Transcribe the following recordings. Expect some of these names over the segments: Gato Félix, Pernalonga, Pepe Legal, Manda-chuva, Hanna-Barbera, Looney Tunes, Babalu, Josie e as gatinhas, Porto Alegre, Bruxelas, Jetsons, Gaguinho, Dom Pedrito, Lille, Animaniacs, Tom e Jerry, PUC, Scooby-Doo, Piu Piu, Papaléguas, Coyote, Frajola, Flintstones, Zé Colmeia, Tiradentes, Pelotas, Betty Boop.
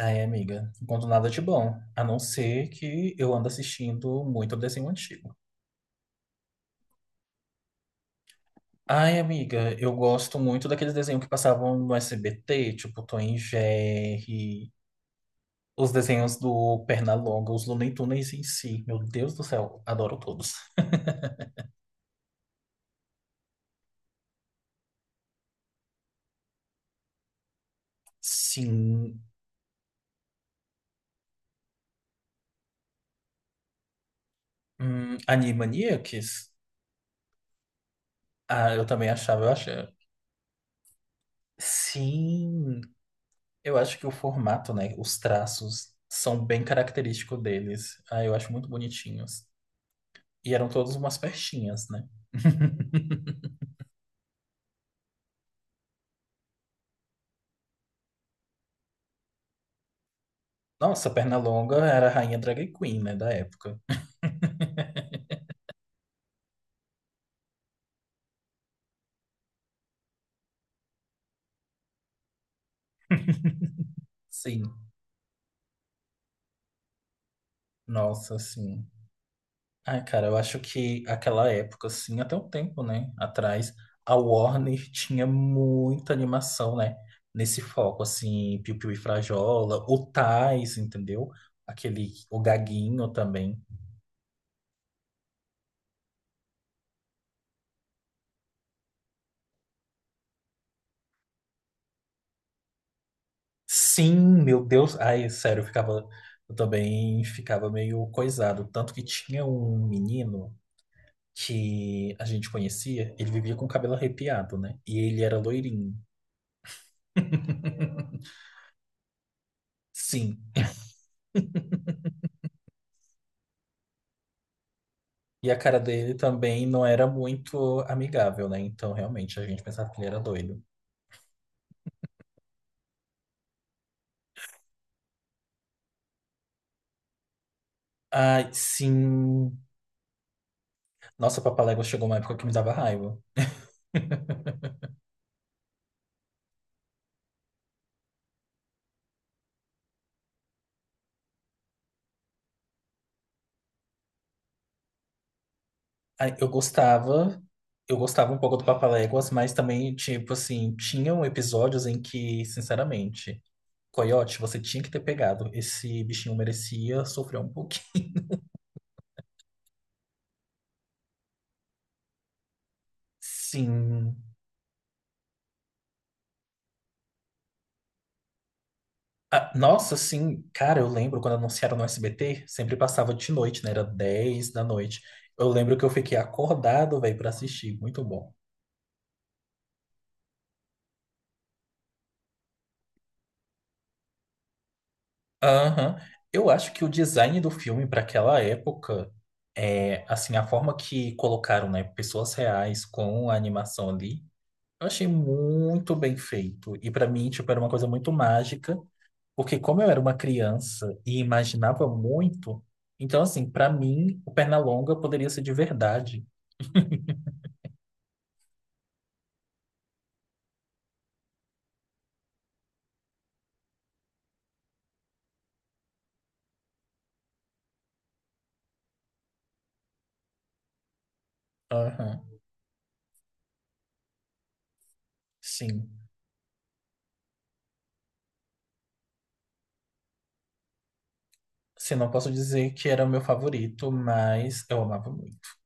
Ai, amiga, enquanto nada de bom, a não ser que eu ando assistindo muito desenho antigo. Ai, amiga, eu gosto muito daqueles desenhos que passavam no SBT, tipo Tom e Jerry, os desenhos do Pernalonga, os Looney Tunes em si. Meu Deus do céu, adoro todos. Sim, Animaniacs, ah, eu também achava, eu achei. Sim, eu acho que o formato, né, os traços são bem característicos deles. Ah, eu acho muito bonitinhos. E eram todas umas pertinhas, né? Nossa, Pernalonga era a rainha drag queen, né, da época. Sim. Nossa, sim. Ai, cara, eu acho que aquela época, assim, até um tempo, né, atrás, a Warner tinha muita animação, né, nesse foco, assim, Piu Piu e Frajola, o Tais, entendeu? Aquele, o Gaguinho também. Sim, meu Deus, ai, sério, eu ficava, eu também ficava meio coisado, tanto que tinha um menino que a gente conhecia, ele vivia com o cabelo arrepiado, né? E ele era loirinho. Sim. E a cara dele também não era muito amigável, né? Então, realmente, a gente pensava que ele era doido. Ai, sim. Nossa, Papaléguas chegou uma época que me dava raiva. Ai, eu gostava um pouco do Papaléguas, mas também, tipo assim, tinham episódios em que, sinceramente, Coyote, você tinha que ter pegado. Esse bichinho merecia sofrer um pouquinho. Sim. Ah, nossa, sim, cara, eu lembro quando anunciaram no SBT, sempre passava de noite, né? Era 10 da noite. Eu lembro que eu fiquei acordado, velho, pra assistir. Muito bom. Aham. Eu acho que o design do filme para aquela época, é, assim, a forma que colocaram, né, pessoas reais com a animação ali, eu achei muito bem feito. E para mim, tipo, era uma coisa muito mágica, porque como eu era uma criança e imaginava muito, então, assim, para mim, o Pernalonga poderia ser de verdade. Aham, sim. Sim, não posso dizer que era o meu favorito, mas eu amava muito.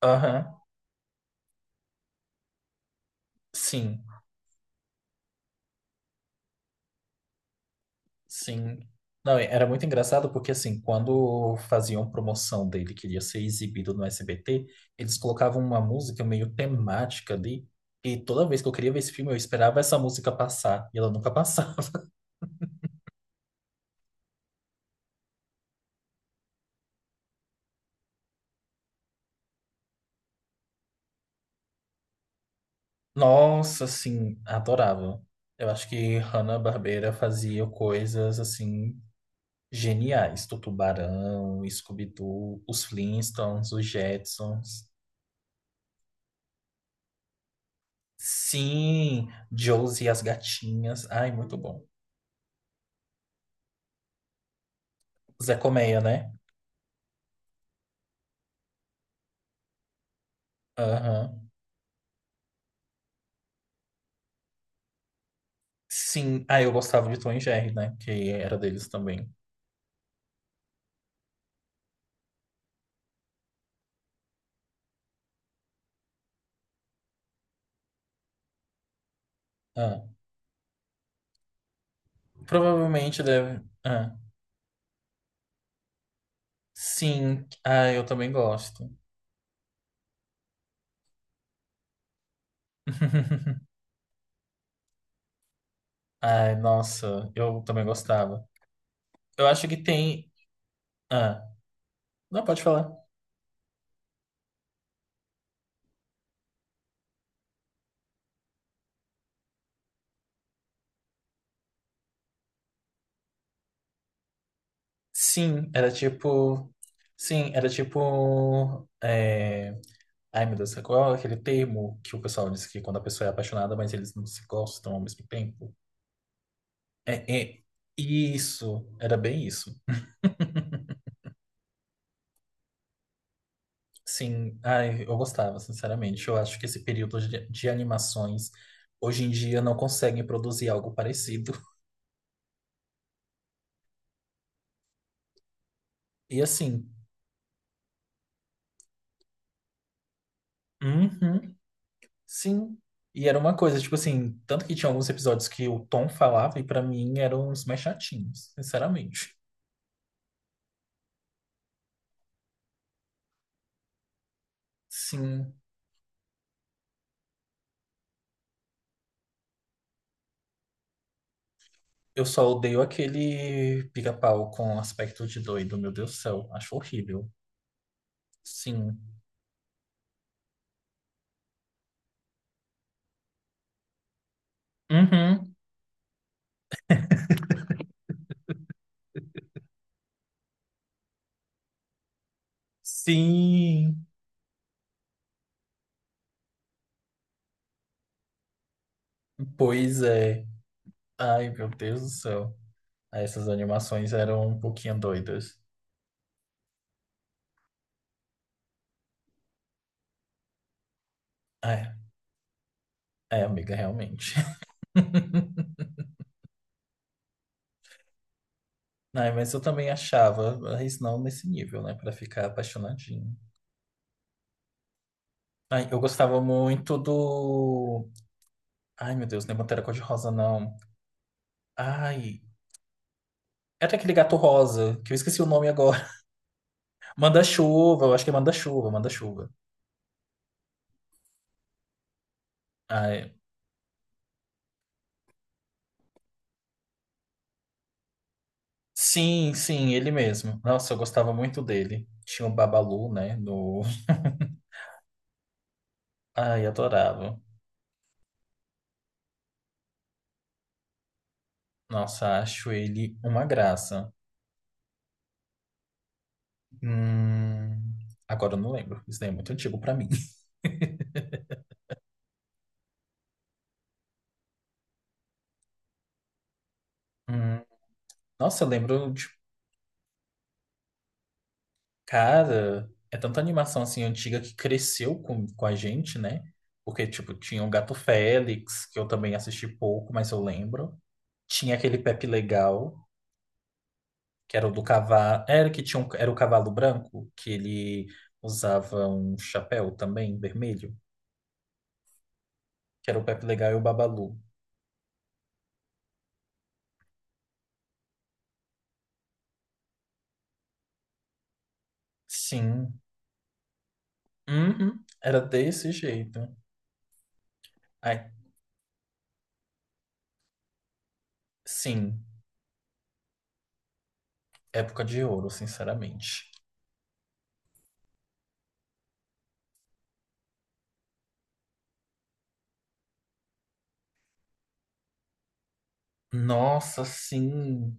Aham, sim, sim. Não, era muito engraçado porque, assim, quando faziam promoção dele, que ia ser exibido no SBT, eles colocavam uma música meio temática ali, e toda vez que eu queria ver esse filme, eu esperava essa música passar, e ela nunca passava. Nossa, assim, adorava. Eu acho que Hanna-Barbera fazia coisas, assim, geniais. Do Tubarão, Scooby-Doo, os Flintstones, os Jetsons. Sim, Josie e as gatinhas. Ai, muito bom. Zé Colmeia, né? Aham. Sim. Ah, eu gostava de Tom e Jerry, né? Que era deles também. Ah, provavelmente deve. Ah, sim. Ah, eu também gosto. Ai, nossa, eu também gostava. Eu acho que tem. Ah, não pode falar. Sim, era tipo. Sim, era tipo. Ai, meu Deus, qual é aquele termo que o pessoal diz que quando a pessoa é apaixonada, mas eles não se gostam ao mesmo tempo? É, é... Isso, era bem isso. Sim, ai, eu gostava, sinceramente. Eu acho que esse período de animações hoje em dia não conseguem produzir algo parecido. E assim, uhum. Sim. E era uma coisa, tipo assim, tanto que tinha alguns episódios que o Tom falava e pra mim eram os mais chatinhos, sinceramente. Sim, eu só odeio aquele pica-pau com aspecto de doido, meu Deus do céu, acho horrível. Sim. Uhum. Sim. Pois é. Ai, meu Deus do céu. Ah, essas animações eram um pouquinho doidas. É, é, amiga, realmente. Ai, mas eu também achava, mas não nesse nível, né, pra ficar apaixonadinho. Ai, eu gostava muito do. Ai, meu Deus, não é Pantera Cor-de-Rosa, não. Ai. Era aquele gato rosa, que eu esqueci o nome agora. Manda-chuva, eu acho que é Manda-chuva. Ai. Sim, sim, ele mesmo. Nossa, eu gostava muito dele. Tinha o Babalu, né? No... Ai, adorava. Nossa, acho ele uma graça. Hum... Agora eu não lembro. Isso daí é muito antigo pra mim. Hum... Nossa, eu lembro. De Cara, é tanta animação assim antiga que cresceu com a gente, né? Porque, tipo, tinha o Gato Félix, que eu também assisti pouco, mas eu lembro. Tinha aquele Pepe Legal, que era o do cavalo. Era que tinha era o cavalo branco, que ele usava um chapéu também, vermelho, que era o Pepe Legal e o Babalu. Sim. Uhum. Era desse jeito. Ai, sim, época de ouro, sinceramente. Nossa, sim.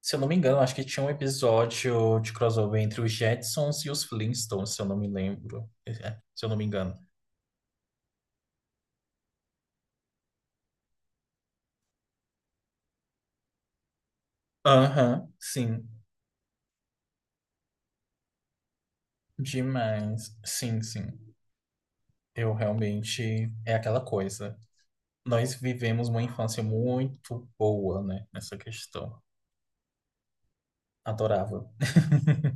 Se eu não me engano, acho que tinha um episódio de crossover entre os Jetsons e os Flintstones, se eu não me lembro. É, é, se eu não me engano. Aham, sim. Demais. Sim, sim. Eu realmente. É aquela coisa. Nós vivemos uma infância muito boa, né? Nessa questão. Adorava.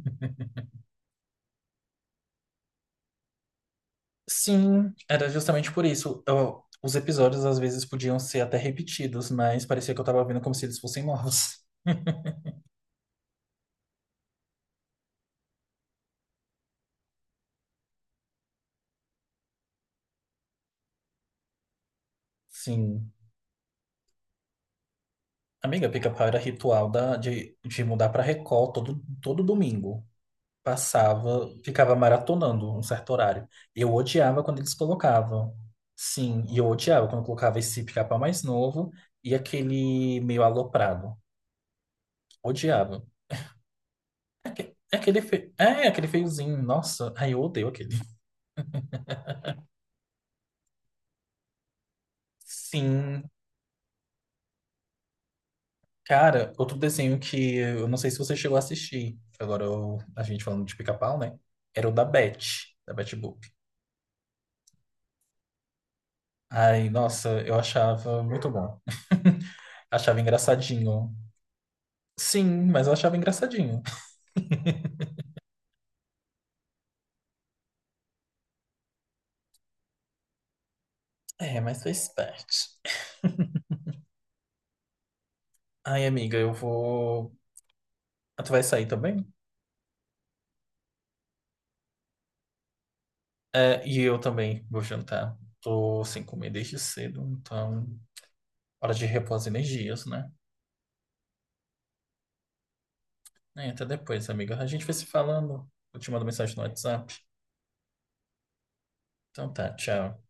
Sim, era justamente por isso. Os episódios às vezes podiam ser até repetidos, mas parecia que eu tava vendo como se eles fossem novos. Sim. Amiga, pica-pau era ritual de mudar pra Record todo, todo domingo. Passava, ficava maratonando um certo horário. Eu odiava quando eles colocavam. Sim, e eu odiava quando colocava esse pica-pau mais novo e aquele meio aloprado. Odiava. É aquele feiozinho, nossa, ai, eu odeio aquele. Sim, cara, outro desenho que eu não sei se você chegou a assistir. A gente falando de pica-pau, né? Era o da Betty Boop. Ai, nossa, eu achava muito bom. Achava engraçadinho. Sim, mas eu achava engraçadinho. É, mas faz parte. Ai, amiga, eu vou. Ah, tu vai sair também? É, e eu também vou jantar. Tô sem comer desde cedo, então hora de repor as energias, né? É, até depois, amiga. A gente vai se falando. Eu te mando mensagem no WhatsApp. Então tá, tchau.